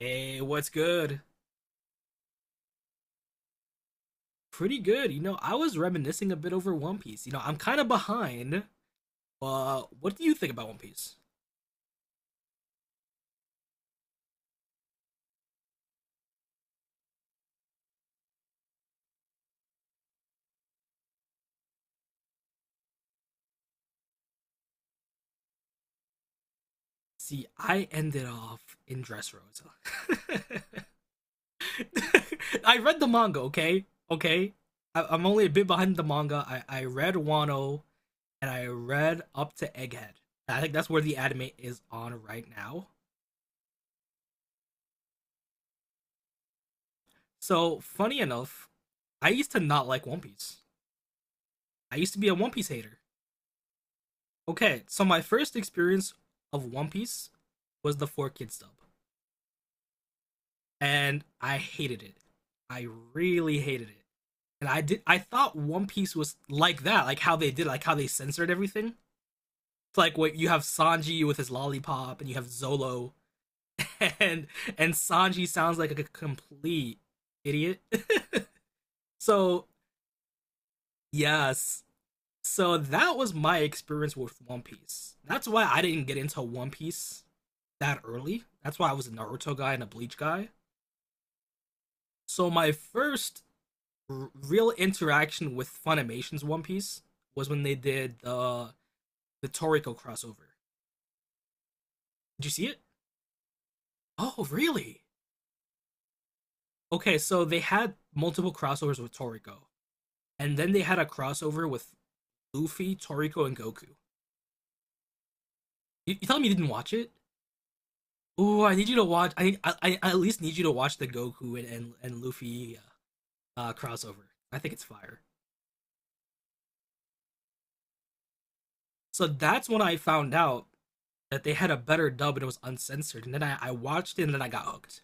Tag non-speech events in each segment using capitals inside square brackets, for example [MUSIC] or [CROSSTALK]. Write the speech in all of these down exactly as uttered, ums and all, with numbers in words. Hey, what's good? Pretty good. You know, I was reminiscing a bit over One Piece. You know, I'm kind of behind. But what do you think about One Piece? See, I ended off in Dressrosa. [LAUGHS] I read the manga, okay? Okay? I- I'm only a bit behind the manga. I, I read Wano and I read up to Egghead. I think that's where the anime is on right now. So, funny enough, I used to not like One Piece. I used to be a One Piece hater. Okay, so my first experience of One Piece was the four kids dub, and I hated it. I really hated it, and I did. I thought One Piece was like that, like how they did, like how they censored everything. It's like what you have Sanji with his lollipop, and you have Zolo, [LAUGHS] and and Sanji sounds like a complete idiot. [LAUGHS] So yes, so that was my experience with One Piece. That's why I didn't get into One Piece that early. That's why I was a Naruto guy and a Bleach guy. So my first r- real interaction with Funimation's One Piece was when they did the the Toriko crossover. Did you see it? Oh, really? Okay, so they had multiple crossovers with Toriko, and then they had a crossover with Luffy, Toriko, and Goku. You, you tell me you didn't watch it? Ooh, I need you to watch. I I, I at least need you to watch the Goku and and, and Luffy uh, crossover. I think it's fire. So that's when I found out that they had a better dub and it was uncensored. And then I, I watched it and then I got hooked.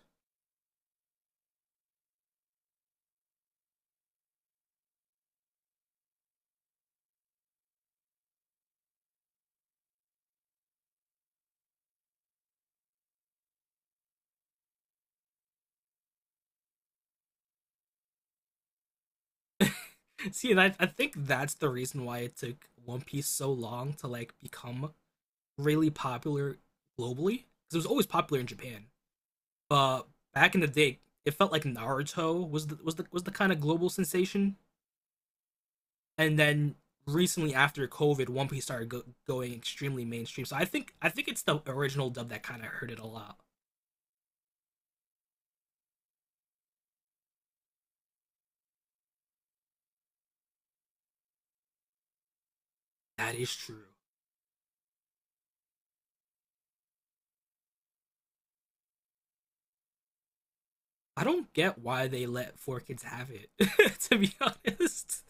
[LAUGHS] See, and I, I think that's the reason why it took One Piece so long to like become really popular globally. Because it was always popular in Japan, but back in the day, it felt like Naruto was the was the was the kind of global sensation, and then recently after COVID, One Piece started go- going extremely mainstream. So I think I think it's the original dub that kind of hurt it a lot. That is true. I don't get why they let four kids have it. [LAUGHS] To be honest,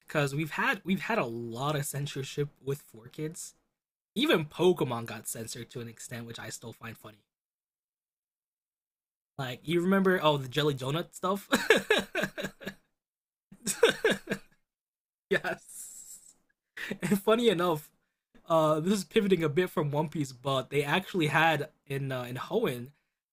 because we've had we've had a lot of censorship with four kids. Even Pokemon got censored to an extent, which I still find funny. Like you remember, oh, the jelly donut stuff. [LAUGHS] Yes. [LAUGHS] And funny enough, uh, this is pivoting a bit from One Piece, but they actually had in uh, in Hoenn,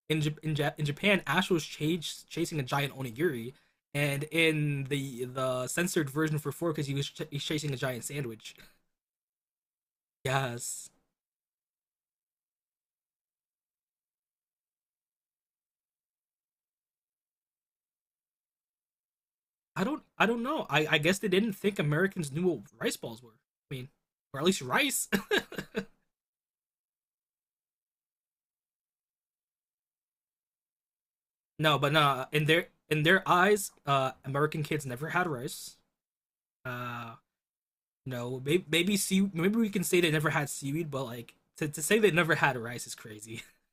in J- in, ja- in Japan, Ash was chas- chasing a giant onigiri, and in the the censored version for four, because he was ch- he's chasing a giant sandwich. Yes, I don't I don't know. I I guess they didn't think Americans knew what rice balls were. I mean, or at least rice. [LAUGHS] No, but nah. In their in their eyes, uh, American kids never had rice. Uh, No, maybe maybe sea, maybe we can say they never had seaweed, but like to, to say they never had rice is crazy. [LAUGHS]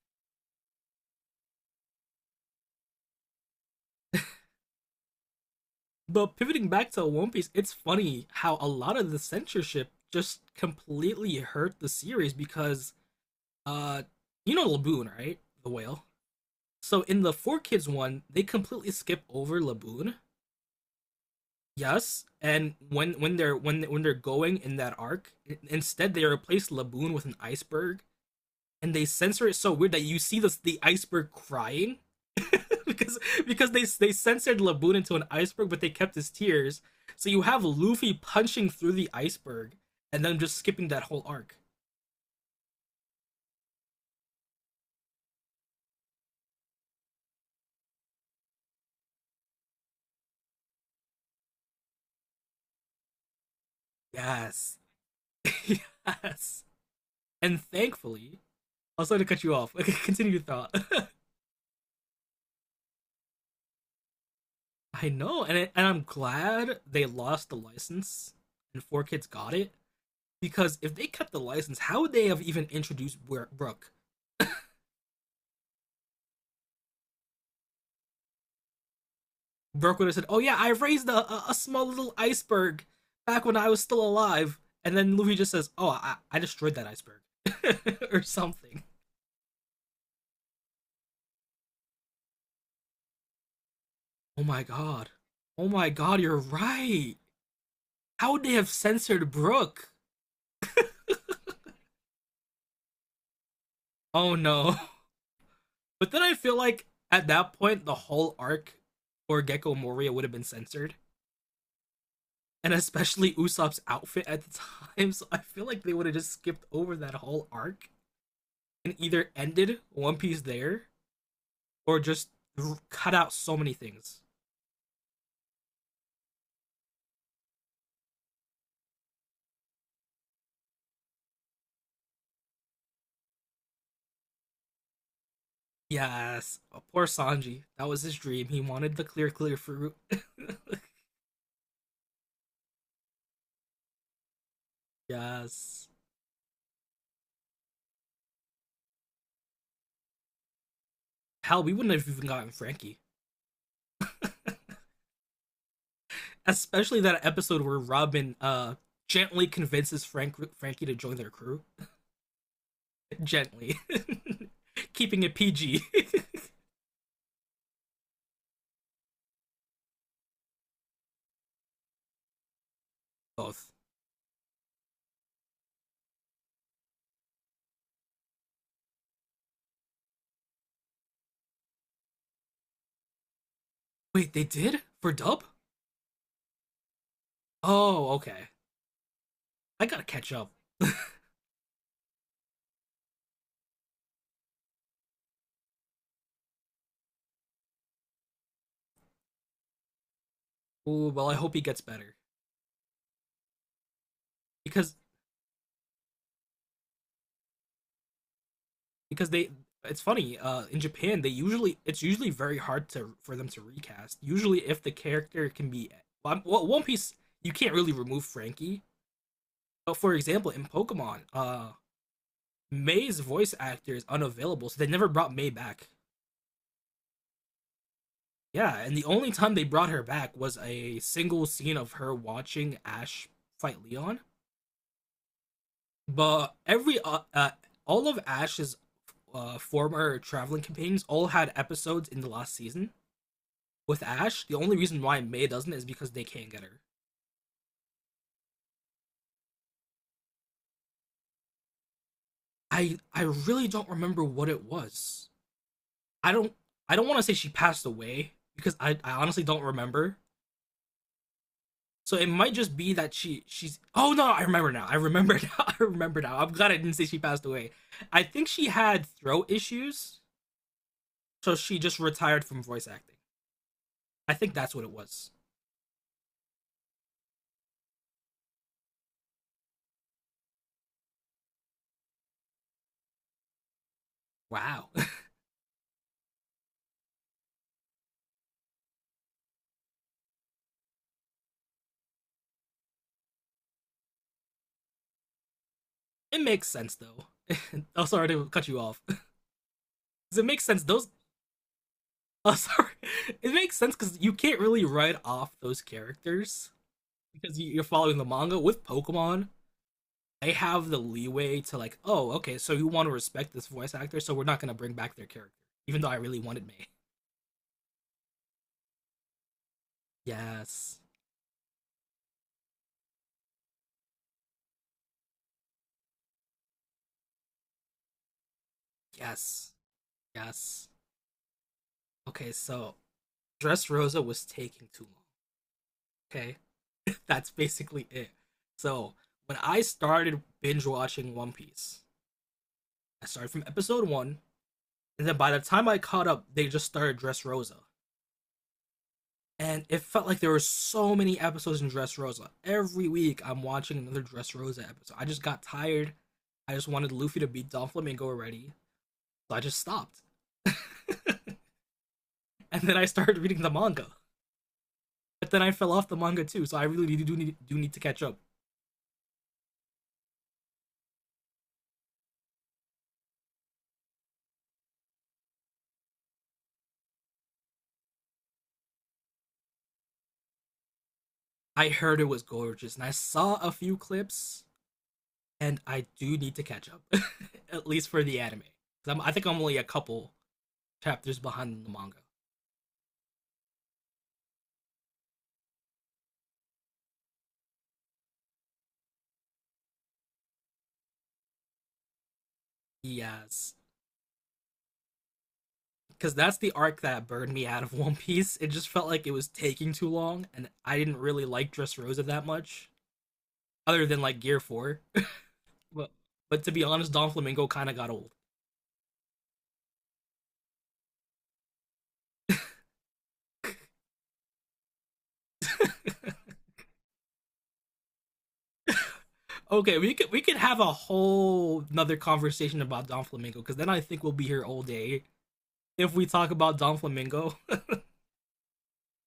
But pivoting back to One Piece, it's funny how a lot of the censorship just completely hurt the series because uh you know Laboon, right? The whale. So in the Four Kids one, they completely skip over Laboon. Yes, and when when they're when when they're going in that arc, instead they replace Laboon with an iceberg and they censor it so weird that you see the the iceberg crying [LAUGHS] because because they they censored Laboon into an iceberg, but they kept his tears. So you have Luffy punching through the iceberg and then just skipping that whole arc. Yes, [LAUGHS] yes. And thankfully, I was sorry to cut you off. [LAUGHS] Okay, continue your thought. [LAUGHS] I know, and it, and I'm glad they lost the license and Four Kids got it because if they kept the license, how would they have even introduced Bro- Brooke? Burke would have said, "Oh yeah, I raised a, a, small little iceberg back when I was still alive," and then Luffy just says, "Oh, I, I destroyed that iceberg," [LAUGHS] or something. Oh my god. Oh my god, you're right. How would they have censored Brook? Oh no. [LAUGHS] But then I feel like at that point the whole arc for Gecko Moria would have been censored. And especially Usopp's outfit at the time, [LAUGHS] so I feel like they would have just skipped over that whole arc and either ended One Piece there or just cut out so many things. Yes, oh, poor Sanji. That was his dream. He wanted the clear, clear fruit. [LAUGHS] Yes. Hell, we wouldn't have even gotten Frankie, especially that episode where Robin uh gently convinces Frank Frankie to join their crew. [LAUGHS] Gently, [LAUGHS] keeping it P G. [LAUGHS] Both. Wait, they did for Dub? Oh, okay. I gotta catch up. [LAUGHS] Ooh, well, I hope he gets better because because they it's funny uh in japan they usually it's usually very hard to for them to recast usually if the character can be well, well, one piece you can't really remove frankie but for example in pokemon uh may's voice actor is unavailable so they never brought may back yeah and the only time they brought her back was a single scene of her watching ash fight leon but every uh, uh all of ash's uh former traveling companions all had episodes in the last season with Ash, the only reason why Mei doesn't is because they can't get her. I I really don't remember what it was. I don't I don't want to say she passed away because I, I honestly don't remember. So it might just be that she she's oh no, I remember now. I remember [LAUGHS] now. I remember now. I'm glad I didn't say she passed away. I think she had throat issues, so she just retired from voice acting. I think that's what it was. Wow. [LAUGHS] It makes sense though. [LAUGHS] Oh sorry to cut you off. [LAUGHS] It makes sense those [LAUGHS] oh, sorry. It makes sense because you can't really write off those characters because you- are following the manga. With Pokemon, they have the leeway to like, oh, okay, so you want to respect this voice actor, so we're not gonna bring back their character, even though I really wanted May. [LAUGHS] Yes, yes, yes. Okay, so Dress Rosa was taking too long. Okay, [LAUGHS] that's basically it. So when I started binge watching One Piece, I started from episode one, and then by the time I caught up, they just started Dress Rosa, and it felt like there were so many episodes in Dressrosa. Every week, I'm watching another Dressrosa episode. I just got tired. I just wanted Luffy to beat Don Flamingo already, so I just stopped. [LAUGHS] And then I started reading the manga, but then I fell off the manga too. So I really do need do need to catch up. I heard it was gorgeous, and I saw a few clips, and I do need to catch up, [LAUGHS] at least for the anime. 'Cause I'm, I think I'm only a couple chapters behind the manga. Yes, because that's the arc that burned me out of [LAUGHS] One Piece. It just felt like it was taking too long, and I didn't really like Dressrosa that much, other than like Gear Four. [LAUGHS] but but to be honest, Don Flamingo kind of got old. Okay, we could we could have a whole another conversation about Don Flamingo because then I think we'll be here all day if we talk about Don Flamingo.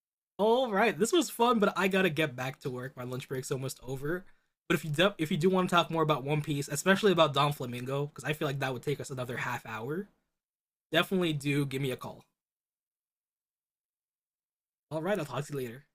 [LAUGHS] All right, this was fun, but I gotta get back to work. My lunch break's almost over. But if you do, if you do want to talk more about One Piece, especially about Don Flamingo, because I feel like that would take us another half hour, definitely do give me a call. All right, I'll talk to you later.